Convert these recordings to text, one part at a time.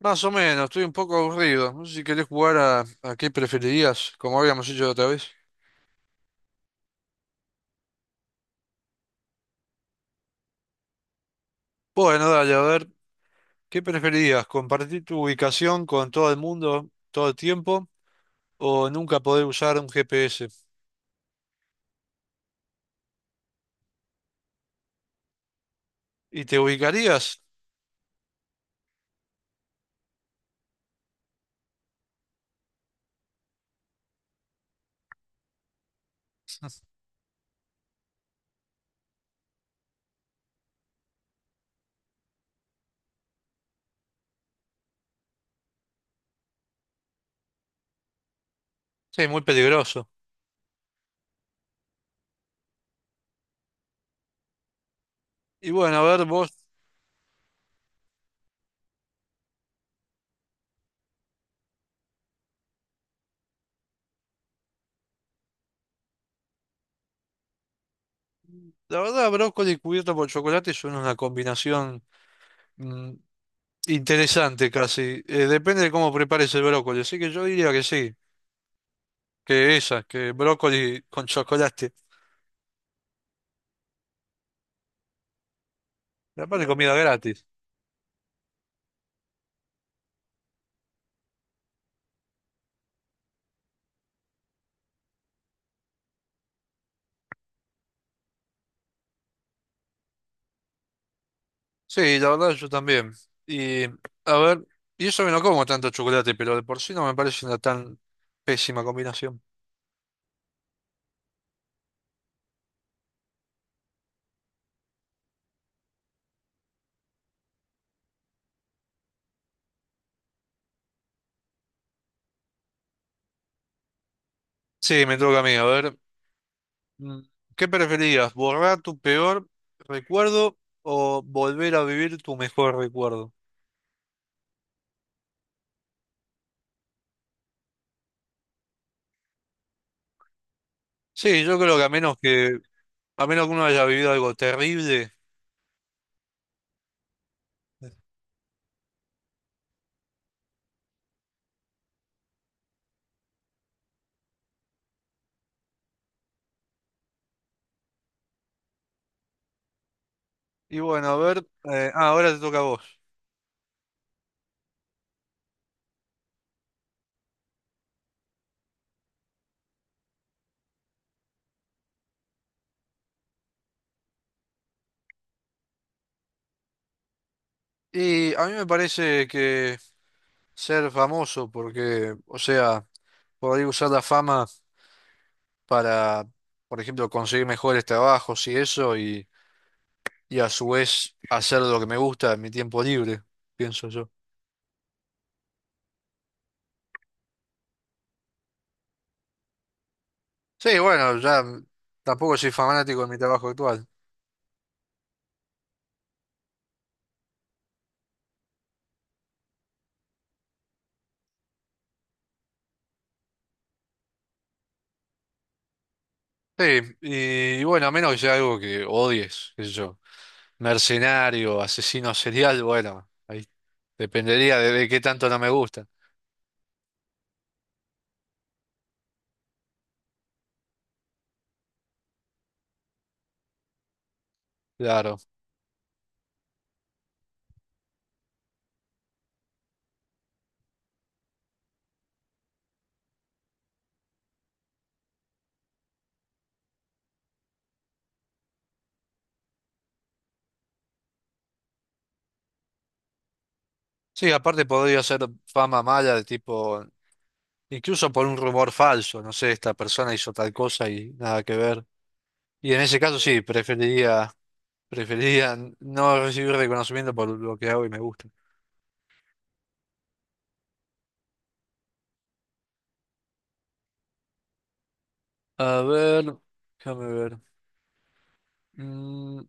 Más o menos, estoy un poco aburrido. No sé si querés jugar a qué preferirías, como habíamos hecho la otra vez. Bueno, dale, a ver, ¿qué preferirías? ¿Compartir tu ubicación con todo el mundo todo el tiempo o nunca poder usar un GPS? ¿Y te ubicarías? Sí, muy peligroso. Y bueno, a ver, vos, la verdad, brócoli cubierto por chocolate son una combinación mm, interesante casi. Depende de cómo prepares el brócoli, así que yo diría que sí, que brócoli con chocolate. La parte comida gratis. Sí, la verdad yo también. Y a ver, y eso que no como tanto chocolate, pero de por sí no me parece una tan pésima combinación. Sí, me toca a mí. A ver, mm, ¿qué preferirías? ¿Borrar tu peor recuerdo o volver a vivir tu mejor recuerdo? Sí, yo creo que a menos que uno haya vivido algo terrible. Y bueno, a ver, ahora te toca a vos. Y a mí me parece que ser famoso, porque, o sea, por ahí usar la fama para, por ejemplo, conseguir mejores trabajos y eso, y a su vez hacer lo que me gusta en mi tiempo libre, pienso yo. Sí, bueno, ya tampoco soy fanático de mi trabajo actual. Sí, y bueno, a menos que sea algo que odies, qué sé yo, mercenario, asesino serial, bueno, ahí dependería de qué tanto no me gusta, claro. Sí, aparte podría ser fama mala de tipo, incluso por un rumor falso, no sé, esta persona hizo tal cosa y nada que ver. Y en ese caso sí, preferiría no recibir reconocimiento por lo que hago y me gusta. A ver, déjame ver. Mm,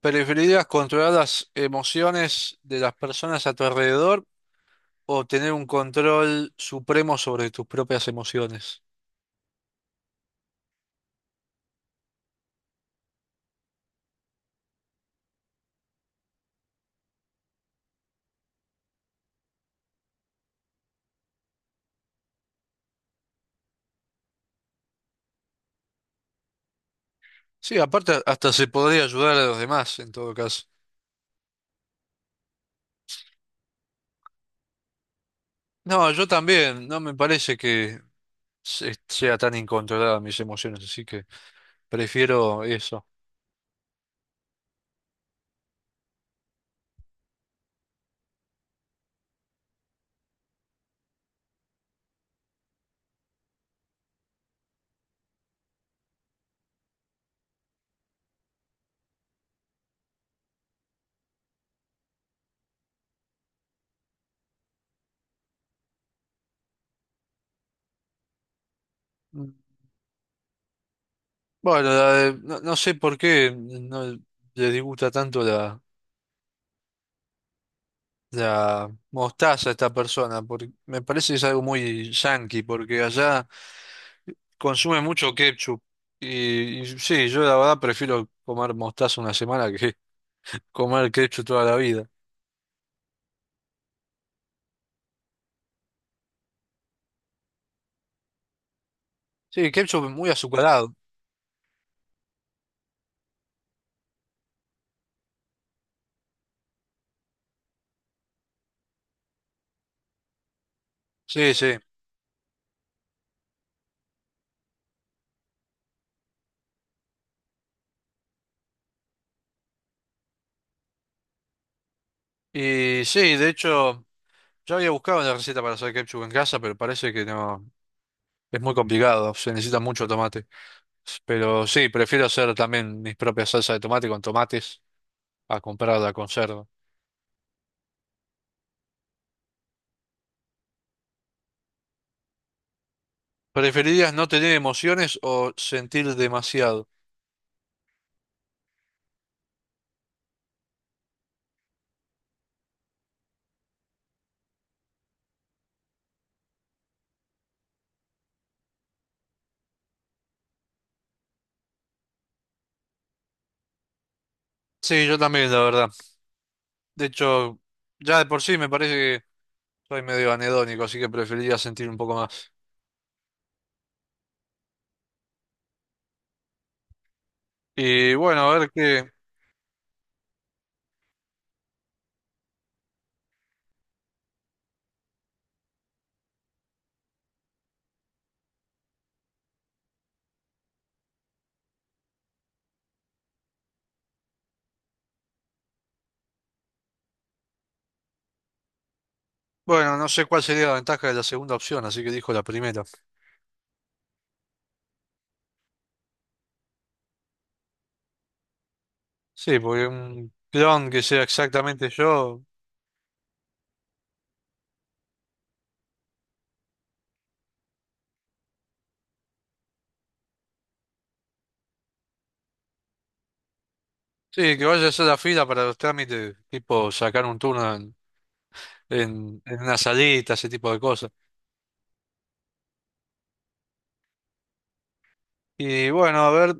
¿Preferirías controlar las emociones de las personas a tu alrededor o tener un control supremo sobre tus propias emociones? Sí, aparte hasta se podría ayudar a los demás en todo caso. No, yo también, no me parece que sea tan incontrolada mis emociones, así que prefiero eso. Bueno, no, no sé por qué no le disgusta tanto la mostaza a esta persona, porque me parece que es algo muy yankee, porque allá consume mucho ketchup. Y sí, yo la verdad prefiero comer mostaza 1 semana que comer ketchup toda la vida. Sí, ketchup muy azucarado. Sí, sí. Y sí, de hecho, yo había buscado una receta para hacer ketchup en casa, pero parece que no, es muy complicado, se necesita mucho tomate. Pero sí, prefiero hacer también mis propias salsas de tomate con tomates a comprar la conserva. ¿Preferirías no tener emociones o sentir demasiado? Sí, yo también, la verdad. De hecho, ya de por sí me parece que soy medio anedónico, así que preferiría sentir un poco más. Y bueno, a ver qué. Bueno, no sé cuál sería la ventaja de la segunda opción, así que dijo la primera. Sí, porque un clon que sea exactamente yo. Sí, que vaya a hacer la fila para los trámites, tipo sacar un turno en una salita, ese tipo de cosas. Y bueno, a ver,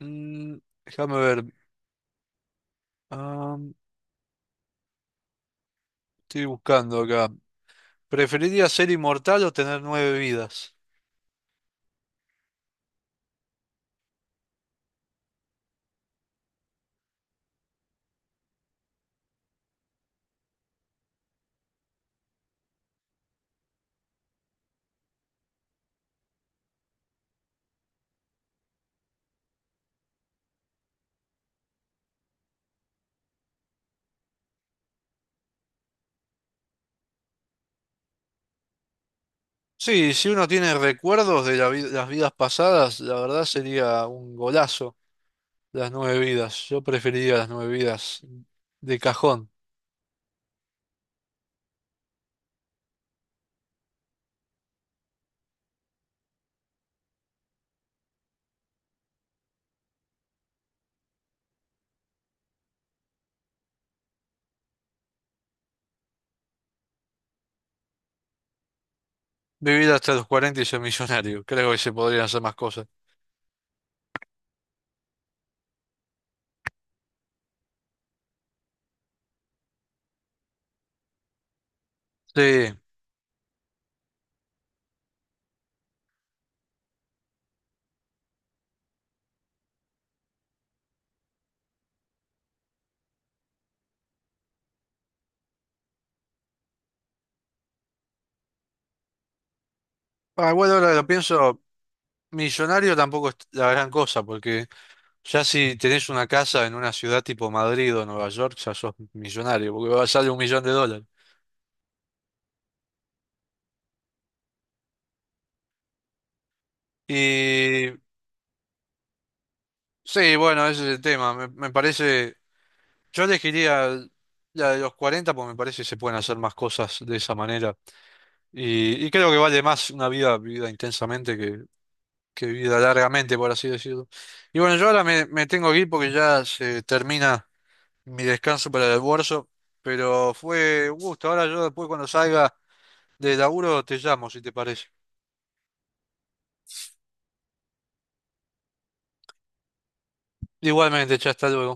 mm, déjame ver. Ah, estoy buscando acá. ¿Preferiría ser inmortal o tener 9 vidas? Sí, si uno tiene recuerdos de las vidas pasadas, la verdad sería un golazo las 9 vidas. Yo preferiría las 9 vidas de cajón. Vivir hasta los 40 y ser millonario. Creo que se podrían hacer más cosas. Sí. Ah, bueno, ahora lo pienso, millonario tampoco es la gran cosa, porque ya si tenés una casa en una ciudad tipo Madrid o Nueva York, ya sos millonario, porque sale 1 millón de dólares. Y sí, bueno, ese es el tema. Me parece, yo elegiría la de los 40 porque me parece que se pueden hacer más cosas de esa manera. Y creo que vale más una vida vivida intensamente que vida largamente, por así decirlo. Y bueno, yo ahora me tengo que ir porque ya se termina mi descanso para el almuerzo, pero fue un gusto. Ahora yo después cuando salga de laburo te llamo, si te parece. Igualmente, ya hasta luego.